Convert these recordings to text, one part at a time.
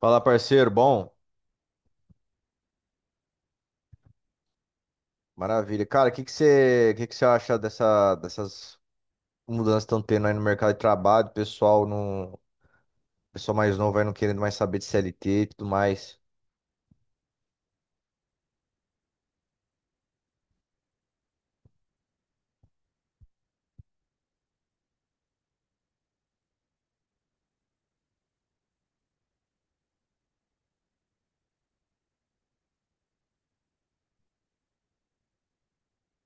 Fala, parceiro. Bom, maravilha. Cara, o que que você acha dessas mudanças que estão tendo aí no mercado de trabalho? O pessoal mais novo aí não querendo mais saber de CLT e tudo mais.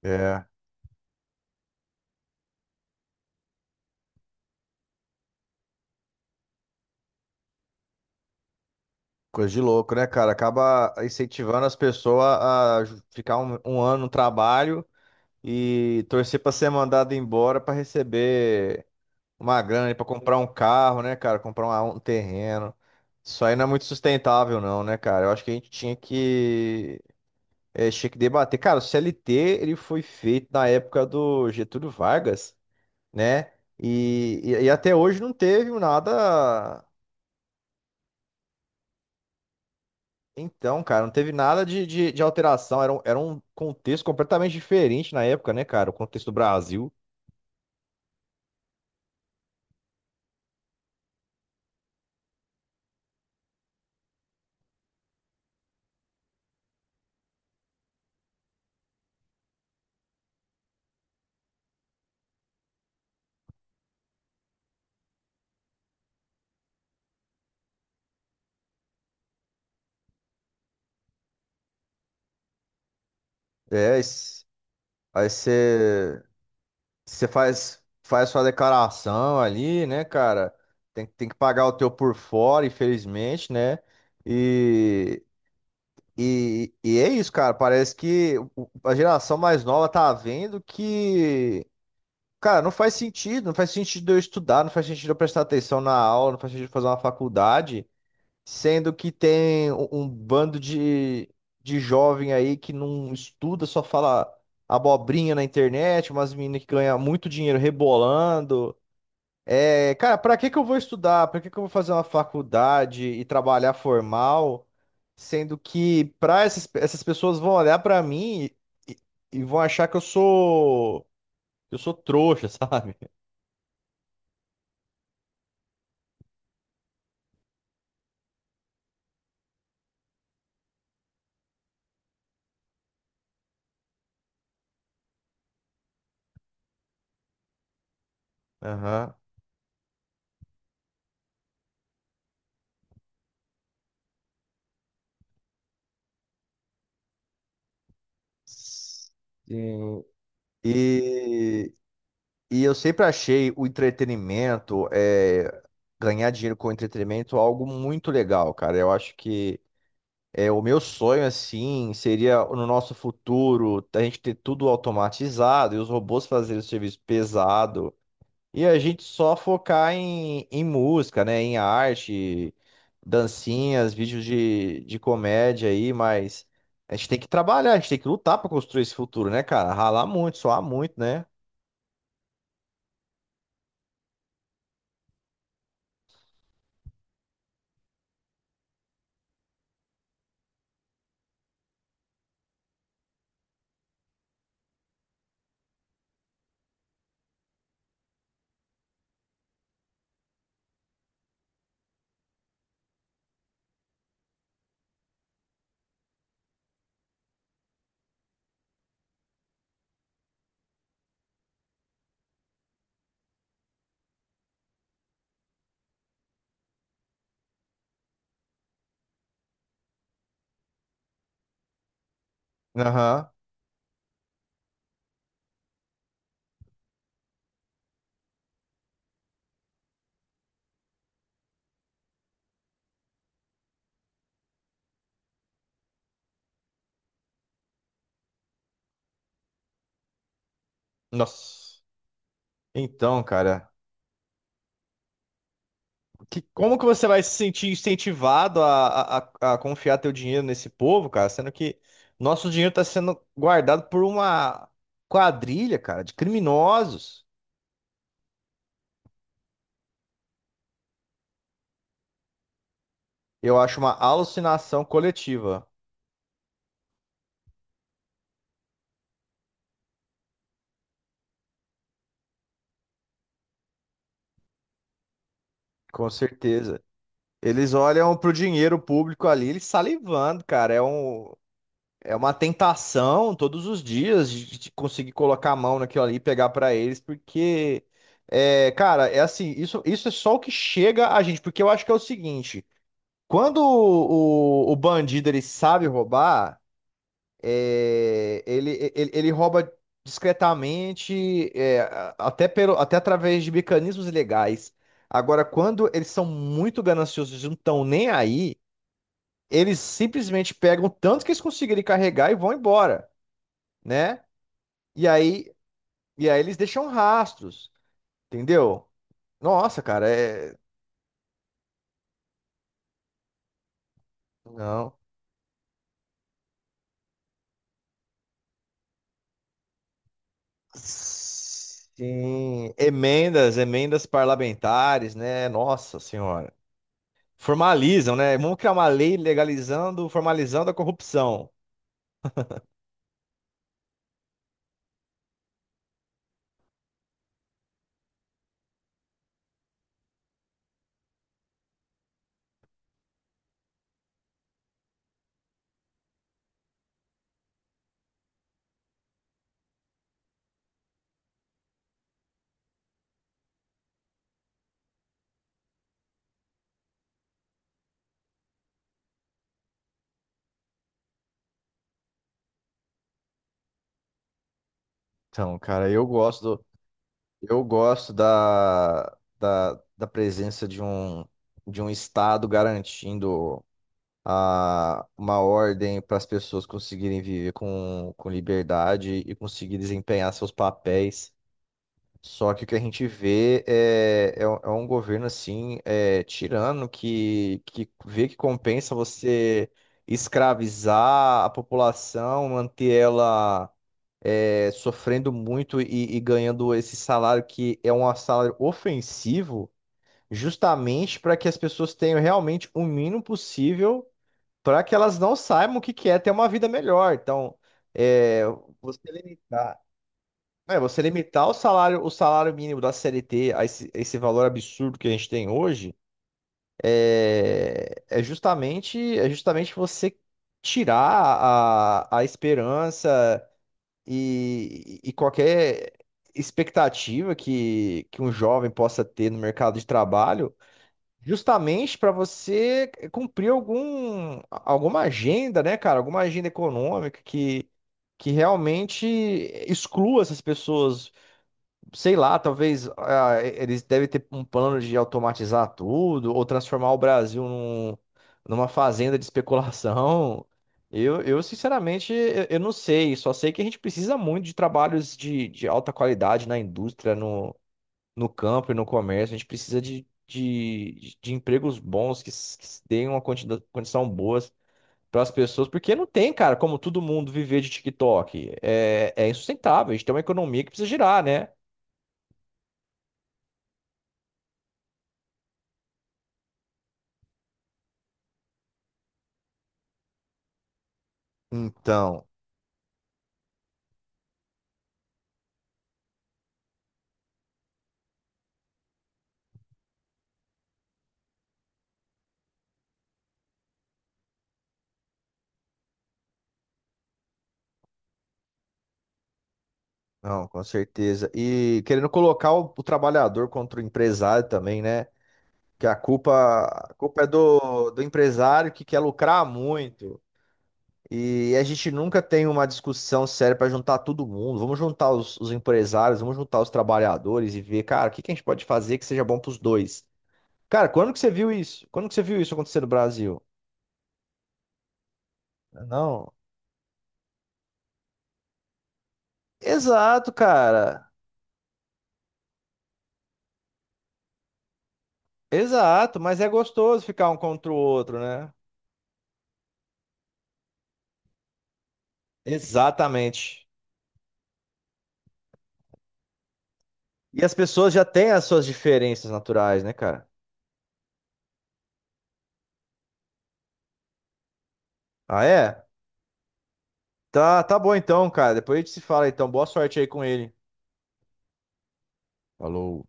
É, coisa de louco, né, cara? Acaba incentivando as pessoas a ficar um ano no trabalho e torcer pra ser mandado embora pra receber uma grana para comprar um carro, né, cara? Comprar um terreno. Isso aí não é muito sustentável, não, né, cara? Eu acho que a gente tinha que tinha que debater. Cara, o CLT ele foi feito na época do Getúlio Vargas, né? E até hoje não teve nada. Então, cara, não teve nada de alteração. Era um contexto completamente diferente na época, né, cara? O contexto do Brasil. É, es- aí você faz sua declaração ali, né, cara? Tem que pagar o teu por fora, infelizmente, né? E é isso, cara. Parece que a geração mais nova tá vendo que, cara, não faz sentido. Não faz sentido eu estudar, não faz sentido eu prestar atenção na aula, não faz sentido eu fazer uma faculdade, sendo que tem um bando de jovem aí que não estuda, só fala abobrinha na internet, umas meninas que ganham muito dinheiro rebolando. É, cara, pra que que eu vou estudar? Pra que que eu vou fazer uma faculdade e trabalhar formal, sendo que pra essas pessoas vão olhar pra mim e, e vão achar que eu sou trouxa, sabe? Aham. Sim. E, e eu sempre achei o entretenimento, ganhar dinheiro com entretenimento algo muito legal, cara. Eu acho que o meu sonho, assim, seria no nosso futuro a gente ter tudo automatizado e os robôs fazerem o serviço pesado e a gente só focar em música, né? Em arte, dancinhas, vídeos de comédia aí, mas a gente tem que trabalhar, a gente tem que lutar para construir esse futuro, né, cara? Ralar muito, suar muito, né? Aham. Nossa. Então, cara. Como que você vai se sentir incentivado a confiar teu dinheiro nesse povo, cara? Sendo que nosso dinheiro está sendo guardado por uma quadrilha, cara, de criminosos. Eu acho uma alucinação coletiva, com certeza. Eles olham pro dinheiro público ali, eles salivando, cara. É uma tentação todos os dias de conseguir colocar a mão naquilo ali e pegar para eles, porque, é, cara, é assim, isso é só o que chega a gente, porque eu acho que é o seguinte. Quando o bandido ele sabe roubar, é, ele rouba discretamente, é, até pelo, até através de mecanismos ilegais. Agora, quando eles são muito gananciosos e não estão nem aí, eles simplesmente pegam o tanto que eles conseguirem carregar e vão embora, né? E aí, e aí eles deixam rastros, entendeu? Nossa, cara, é... Não. Sim, emendas parlamentares, né? Nossa Senhora. Formalizam, né? Vamos criar uma lei legalizando, formalizando a corrupção. Então, cara, eu gosto da presença de um Estado garantindo uma ordem para as pessoas conseguirem viver com liberdade e conseguir desempenhar seus papéis. Só que o que a gente vê é um governo assim, é, tirano, que vê que compensa você escravizar a população, manter ela sofrendo muito e ganhando esse salário que é um salário ofensivo, justamente para que as pessoas tenham realmente o mínimo possível para que elas não saibam o que que é ter uma vida melhor. Então, é, você limitar. É, você limitar o salário mínimo da CLT a esse valor absurdo que a gente tem hoje é, é justamente você tirar a esperança e qualquer expectativa que um jovem possa ter no mercado de trabalho, justamente para você cumprir alguma agenda, né, cara? Alguma agenda econômica que realmente exclua essas pessoas. Sei lá, talvez ah, eles devem ter um plano de automatizar tudo ou transformar o Brasil numa fazenda de especulação. Eu sinceramente, eu não sei. Só sei que a gente precisa muito de trabalhos de alta qualidade na indústria, no, no campo e no comércio. A gente precisa de empregos bons deem uma condição boa para as pessoas, porque não tem, cara, como todo mundo viver de TikTok. É, é insustentável. A gente tem uma economia que precisa girar, né? Então. Não, com certeza. E querendo colocar o trabalhador contra o empresário também, né? Que a culpa é do empresário que quer lucrar muito. E a gente nunca tem uma discussão séria para juntar todo mundo. Vamos juntar os empresários, vamos juntar os trabalhadores e ver, cara, o que que a gente pode fazer que seja bom para os dois. Cara, quando que você viu isso? Quando que você viu isso acontecer no Brasil? Não. Exato, cara. Exato, mas é gostoso ficar um contra o outro, né? Exatamente. E as pessoas já têm as suas diferenças naturais, né, cara? Ah, é? Tá, tá bom então, cara. Depois a gente se fala então. Boa sorte aí com ele. Falou.